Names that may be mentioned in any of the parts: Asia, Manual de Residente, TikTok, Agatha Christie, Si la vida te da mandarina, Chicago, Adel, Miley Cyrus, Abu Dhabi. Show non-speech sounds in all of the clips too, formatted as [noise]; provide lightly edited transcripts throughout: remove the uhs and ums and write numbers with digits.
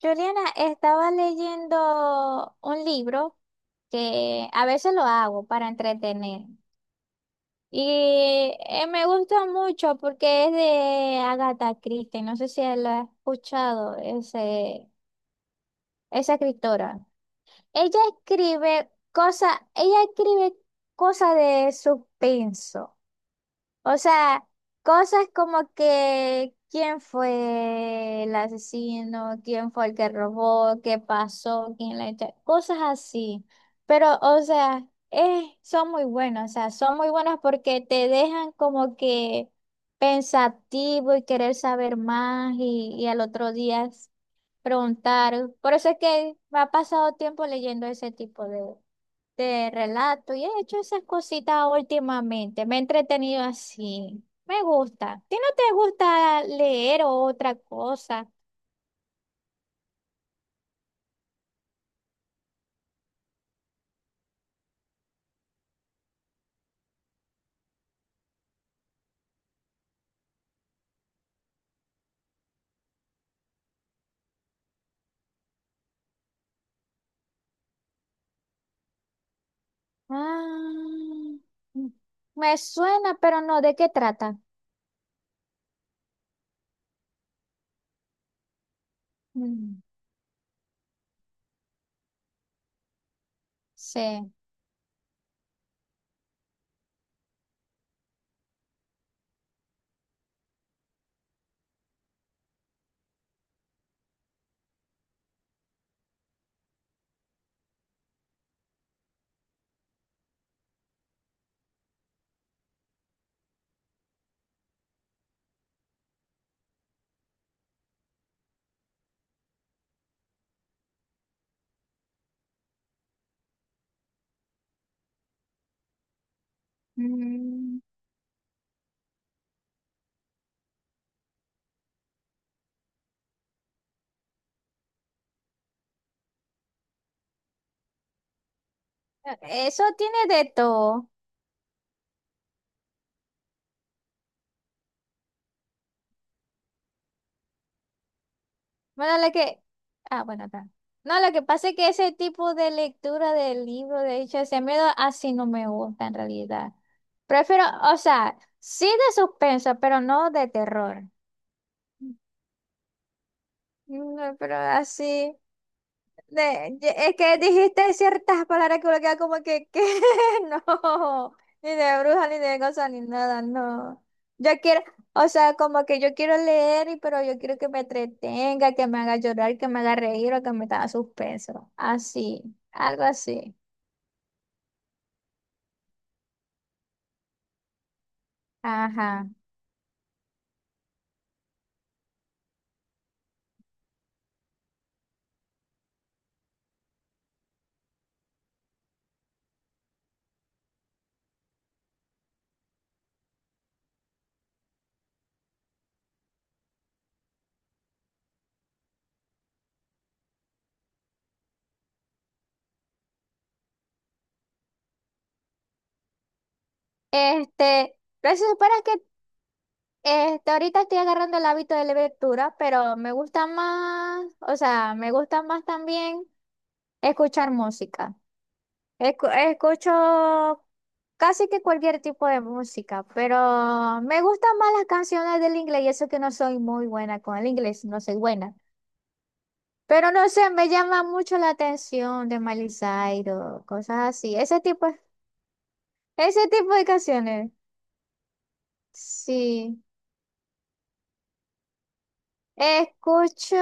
Juliana, estaba leyendo un libro que a veces lo hago para entretener. Me gusta mucho porque es de Agatha Christie. No sé si lo has escuchado, esa escritora. Ella escribe cosas de suspenso. O sea, cosas como que quién fue el asesino, quién fue el que robó, qué pasó, quién la echó, cosas así. Pero, o sea, son muy buenos, o sea, son muy buenos porque te dejan como que pensativo y querer saber más y al otro día preguntar. Por eso es que me ha pasado tiempo leyendo ese tipo de relatos y he hecho esas cositas últimamente. Me he entretenido así. Me gusta. ¿A ti no te gusta leer o otra cosa? Ah, mm, me suena, pero no, ¿de qué trata? Mm, sí. Mm, eso tiene de todo. Bueno, la que... Ah, bueno, está. No, lo que pasa es que ese tipo de lectura del libro, de hecho, ese miedo así no me gusta en realidad. Prefiero, o sea, sí de suspenso, pero no de terror. Mm, no, pero así. Es que dijiste ciertas palabras que uno queda como que, ¿qué? [laughs] No, ni de bruja, ni de cosa, ni nada, no. Yo quiero, o sea, como que yo quiero leer, pero yo quiero que me entretenga, que me haga llorar, que me haga reír o que me haga suspenso. Así, algo así. Ajá. Este, pero si supieras que ahorita estoy agarrando el hábito de lectura, pero me gusta más, o sea, me gusta más también escuchar música. Escucho casi que cualquier tipo de música, pero me gustan más las canciones del inglés y eso que no soy muy buena con el inglés, no soy buena. Pero no sé, me llama mucho la atención de Miley Cyrus, cosas así, ese tipo de canciones. Sí, escucho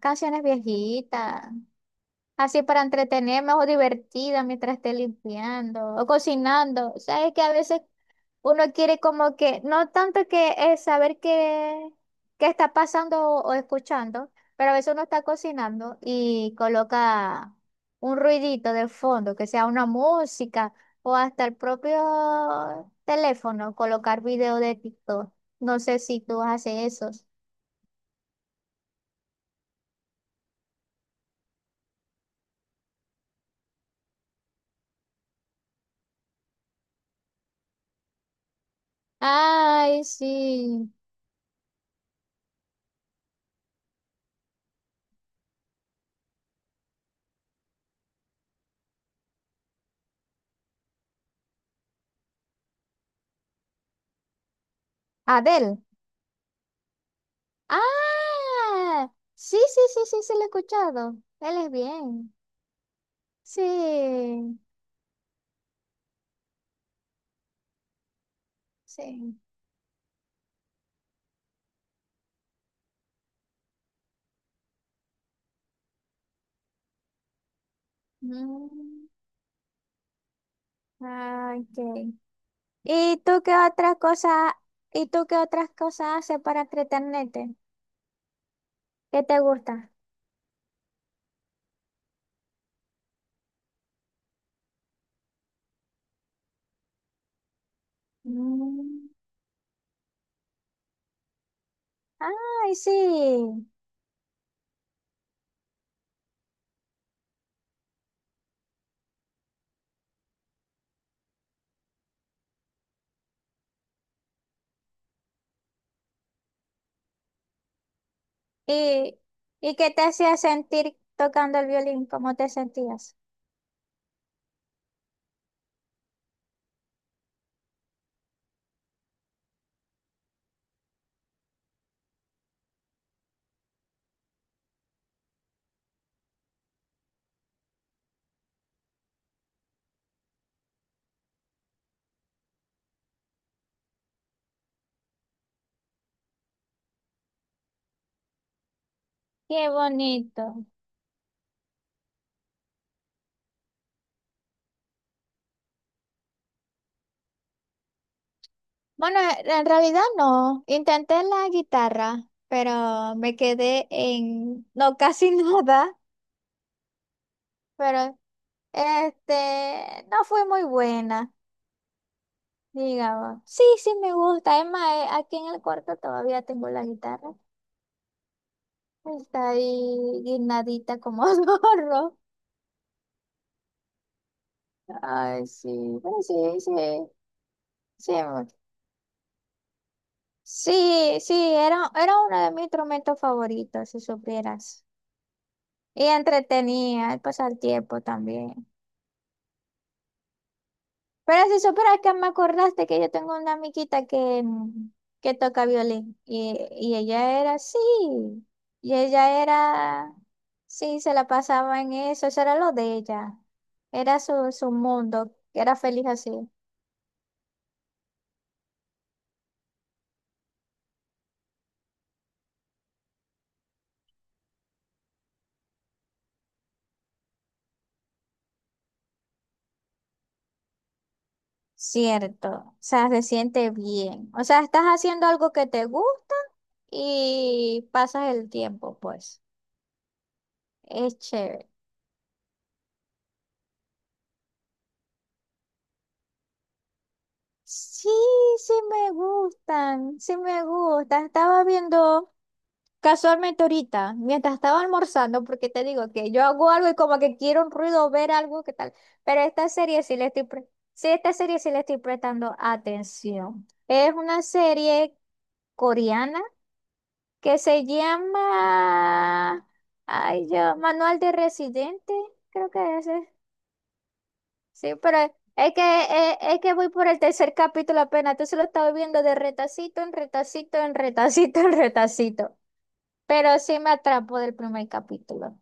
canciones viejitas. Así para entretenerme o divertida mientras esté limpiando o cocinando. Sabes que a veces uno quiere como que, no tanto que es saber qué está pasando o escuchando, pero a veces uno está cocinando y coloca un ruidito de fondo, que sea una música o hasta el propio teléfono, colocar video de TikTok. No sé si tú haces eso. Ay, sí. Adel. Ah, sí, sí, sí, sí, sí, lo he escuchado. Él es bien. Sí, sí. Mm, ah, ok. ¿Y tú qué otras cosas, ¿y tú qué otras cosas haces para entretenerte? ¿Qué te gusta? Mm, ay, sí. ¿Y, ¿y qué te hacía sentir tocando el violín? ¿Cómo te sentías? Qué bonito. Bueno, en realidad no. Intenté la guitarra, pero me quedé en, no, casi [laughs] nada, pero no fue muy buena, digamos. Sí, sí me gusta. Es más, aquí en el cuarto todavía tengo la guitarra. Está ahí guinadita como [laughs] zorro. Ay, sí, pero sí, sí, sí. Sí, era uno de mis instrumentos favoritos, si supieras. Y entretenía, el pasar tiempo también. Pero si supieras que me acordaste que yo tengo una amiguita que, mm, que toca violín y ella era así, y ella era, sí, se la pasaba en eso, eso era lo de ella, era su mundo, era feliz así. Cierto, o sea, se siente bien, o sea, estás haciendo algo que te gusta y pasas el tiempo, pues, es chévere. Sí, sí me gustan, estaba viendo... Casualmente ahorita, mientras estaba almorzando, porque te digo que yo hago algo y como que quiero un ruido, ver algo, ¿qué tal? Pero esta serie sí le sí, esta serie sí le estoy prestando atención. Es una serie coreana que se llama, ay, yo, Manual de Residente, creo que es, eh. Sí, pero es, que voy por el tercer capítulo apenas, entonces lo estaba viendo de retacito en retacito en retacito [laughs] en retacito. Pero sí me atrapó del primer capítulo.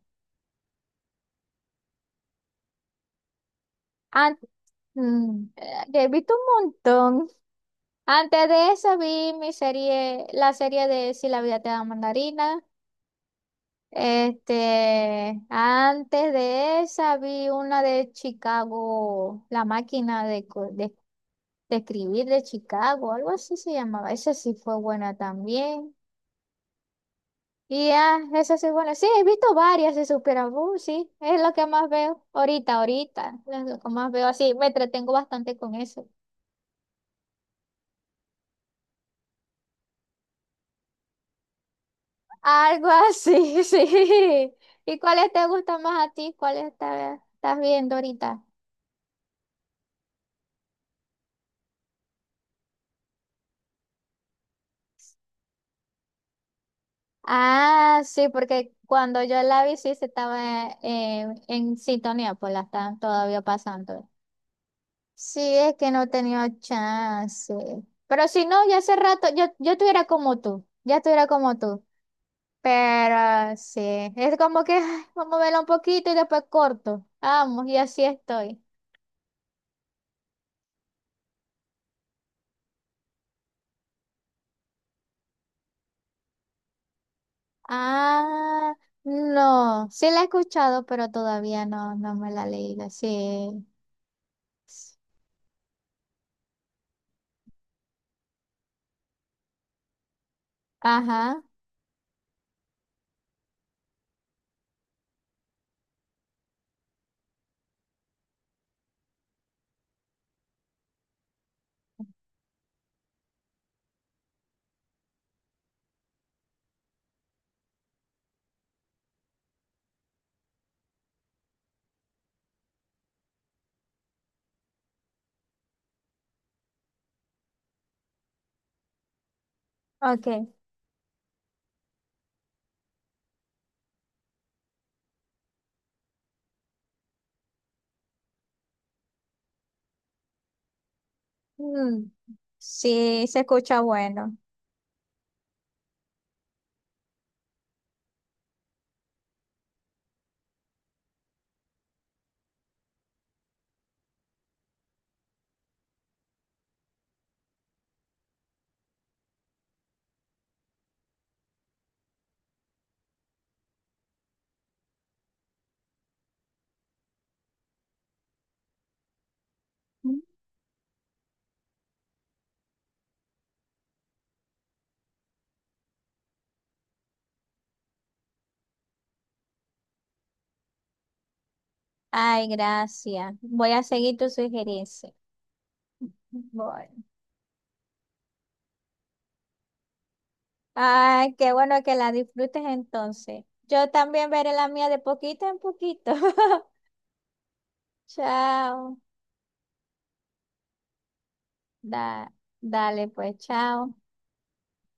An- mm, he visto un montón. Antes de esa vi mi serie, la serie de Si la vida te da mandarina. Este, antes de esa vi una de Chicago, La máquina de escribir de Chicago, algo así se llamaba. Esa sí fue buena también. Y ah, esa sí es buena. Sí, he visto varias, se supera. Sí, es lo que más veo ahorita, ahorita. Es lo que más veo así. Me entretengo bastante con eso. Algo así, [laughs] sí. ¿Y cuáles te gustan más a ti? ¿Estás viendo ahorita? Ah, sí, porque cuando yo la vi, sí, se estaba en sintonía, pues la están todavía pasando. Sí, es que no he tenido chance. Pero si no, ya hace rato, yo estuviera como tú, ya estuviera como tú. Pero sí, es como que ay, vamos a verla un poquito y después corto. Vamos, y así estoy. Ah, no, sí la he escuchado, pero todavía no, no me la he leído. Sí. Ajá, ok. Mm, sí, se escucha bueno. Ay, gracias. Voy a seguir tu sugerencia. Voy. Ay, qué bueno que la disfrutes entonces. Yo también veré la mía de poquito en poquito. [laughs] Chao. Da- dale, pues, chao.